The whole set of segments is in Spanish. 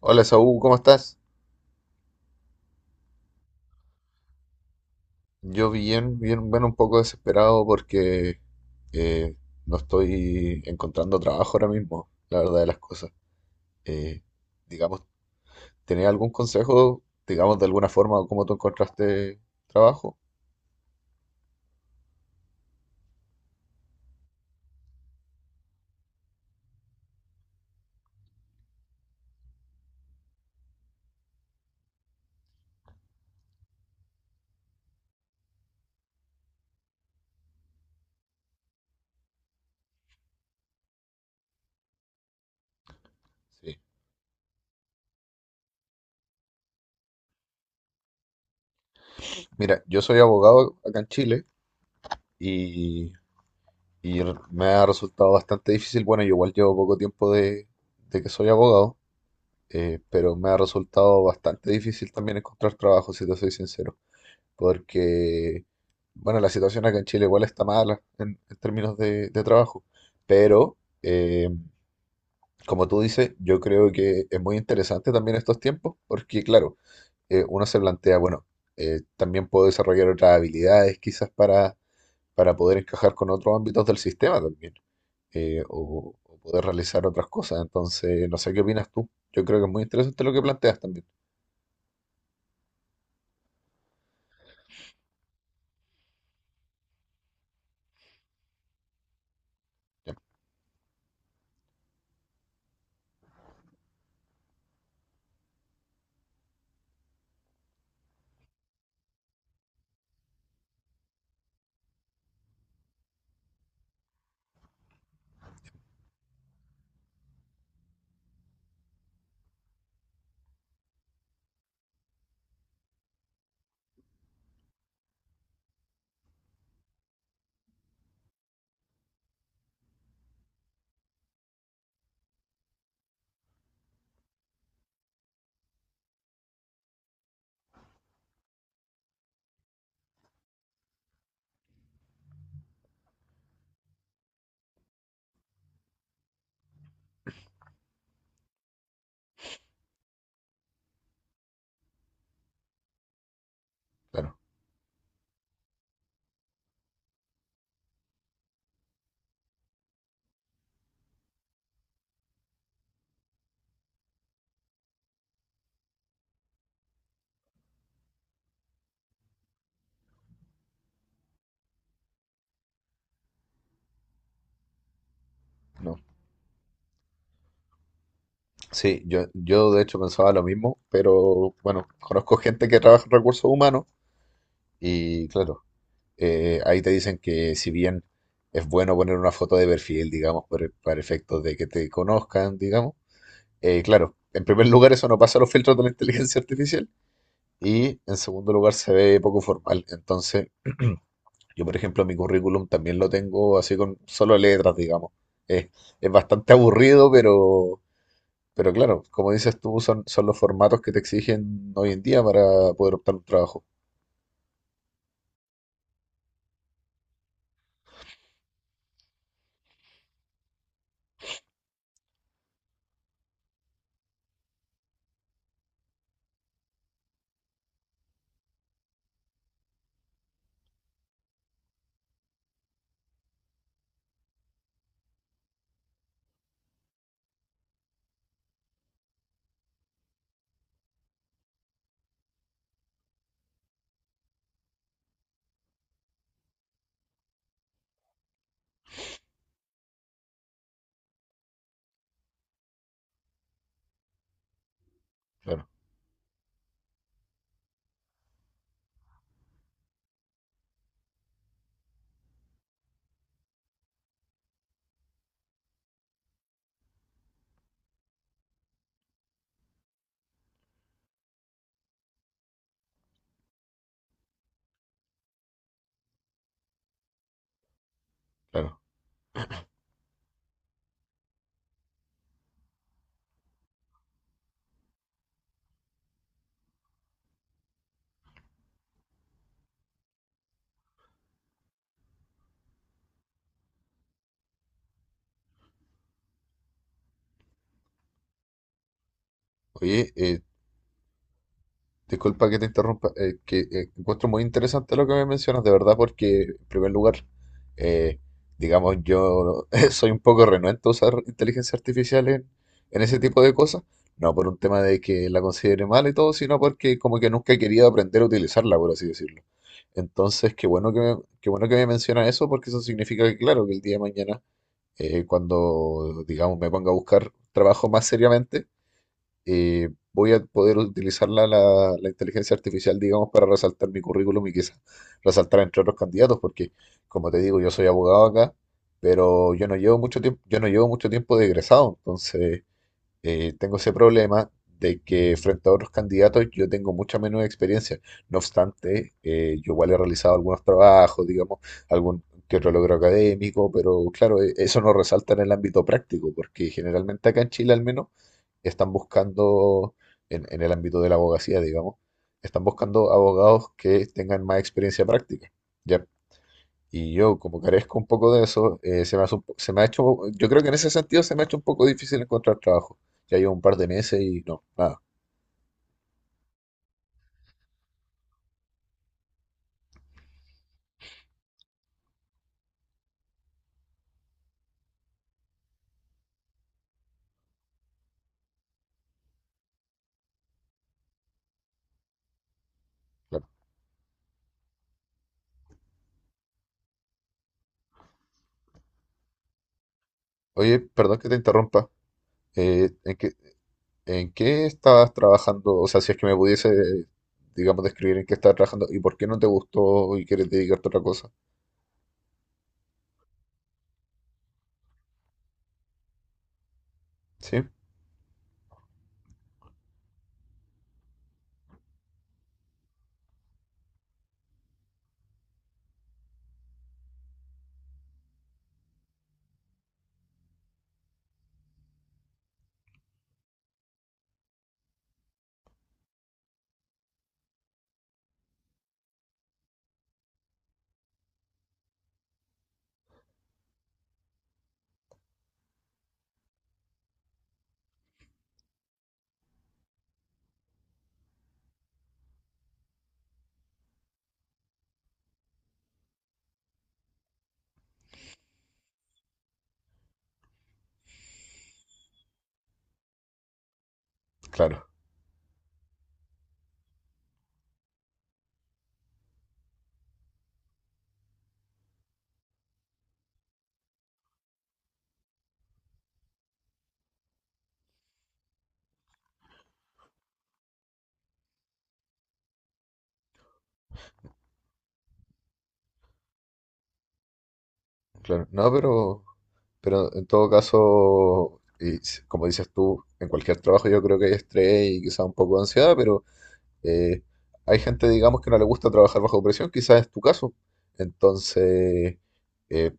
Hola Saúl, ¿cómo estás? Yo bien, bien, bueno, un poco desesperado porque eh, no estoy encontrando trabajo ahora mismo, la verdad de las cosas. Eh, digamos, ¿tenés algún consejo, digamos, de alguna forma, cómo tú encontraste trabajo? Sí. Mira, yo soy abogado acá en Chile y, y me ha resultado bastante difícil. Bueno, yo igual llevo poco tiempo de que soy abogado, pero me ha resultado bastante difícil también encontrar trabajo, si te soy sincero. Porque, bueno, la situación acá en Chile igual está mala en términos de trabajo, pero, como tú dices, yo creo que es muy interesante también estos tiempos, porque, claro, uno se plantea, bueno, también puedo desarrollar otras habilidades quizás para poder encajar con otros ámbitos del sistema también, o poder realizar otras cosas, entonces, no sé qué opinas tú, yo creo que es muy interesante lo que planteas también. Ya, claro. No, sí, yo de hecho pensaba lo mismo, pero bueno, conozco gente que trabaja en recursos humanos y claro, ahí te dicen que si bien es bueno poner una foto de perfil, digamos, para efectos de que te conozcan, digamos, claro, en primer lugar eso no pasa los filtros de la inteligencia artificial y en segundo lugar se ve poco formal. Entonces, yo por ejemplo mi currículum también lo tengo así con solo letras, digamos. Es, es bastante aburrido, pero... Pero claro, como dices tú, son los formatos que te exigen hoy en día para poder optar un trabajo. Claro, claro. Oye, disculpa que te interrumpa, que encuentro muy interesante lo que me mencionas, de verdad, porque en primer lugar, eh, digamos, yo soy un poco renuente a usar inteligencia artificial en ese tipo de cosas. No por un tema de que la considere mal y todo, sino porque como que nunca he querido aprender a utilizarla, por así decirlo. Entonces, qué bueno que me mencionas eso, porque eso significa que, claro, que el día de mañana cuando, digamos, me ponga a buscar trabajo más seriamente, voy a poder utilizar la inteligencia artificial, digamos, para resaltar mi currículum y quizás resaltar entre otros candidatos, porque, como te digo, yo soy abogado acá, pero yo no llevo mucho tiempo de egresado, entonces tengo ese problema de que frente a otros candidatos yo tengo mucha menos experiencia. No obstante, yo igual he realizado algunos trabajos, digamos, algún que otro logro académico, pero claro, eso no resalta en el ámbito práctico, porque generalmente acá en Chile al menos están buscando, en el ámbito de la abogacía, digamos, están buscando abogados que tengan más experiencia práctica. ¿Ya? Y yo, como carezco un poco de eso, se me hace un po- se me ha hecho, yo creo que en ese sentido se me ha hecho un poco difícil encontrar trabajo. Ya llevo un par de meses y no, nada, claro. Oye, perdón que te interrumpa. eh, ¿en qué, en qué estabas trabajando? O sea, si es que me pudiese, digamos, describir en qué estabas trabajando y por qué no te gustó y quieres dedicarte a otra cosa. Sí, claro, claro. No, pero en todo caso, y como dices tú, en cualquier trabajo yo creo que hay estrés y quizá un poco de ansiedad, pero Eh, hay gente, digamos, que no le gusta trabajar bajo presión, quizás es tu caso. Entonces, eh,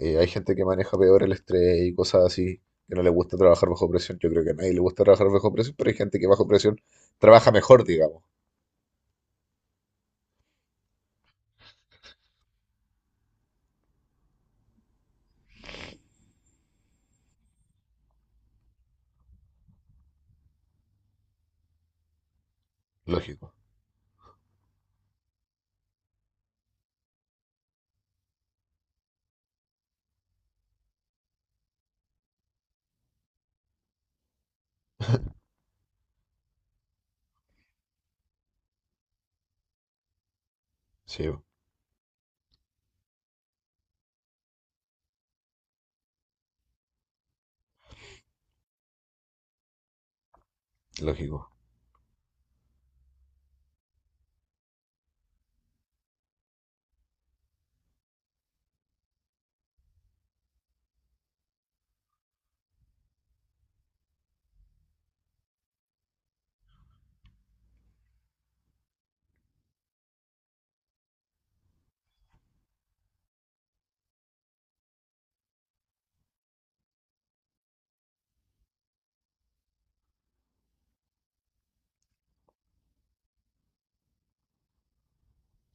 hay gente que maneja peor el estrés y cosas así, que no le gusta trabajar bajo presión. Yo creo que a nadie le gusta trabajar bajo presión, pero hay gente que bajo presión trabaja mejor, digamos. Lógico, sí, lógico,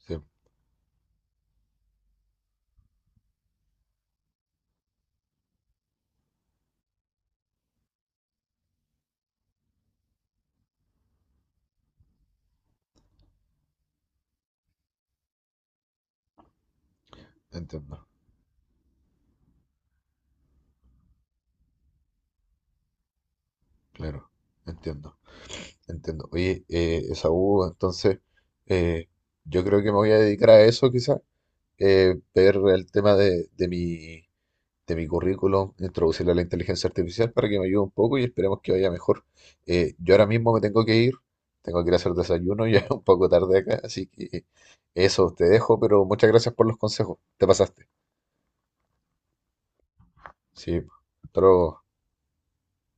sí, entiendo, claro, entiendo, entiendo. Oye, Esaú, entonces, eh, yo creo que me voy a dedicar a eso, quizás, ver el tema de mi currículum, introducirle la inteligencia artificial para que me ayude un poco y esperemos que vaya mejor. Yo ahora mismo me tengo que ir a hacer desayuno, ya es un poco tarde acá, así que eso te dejo, pero muchas gracias por los consejos, te pasaste. Sí, pero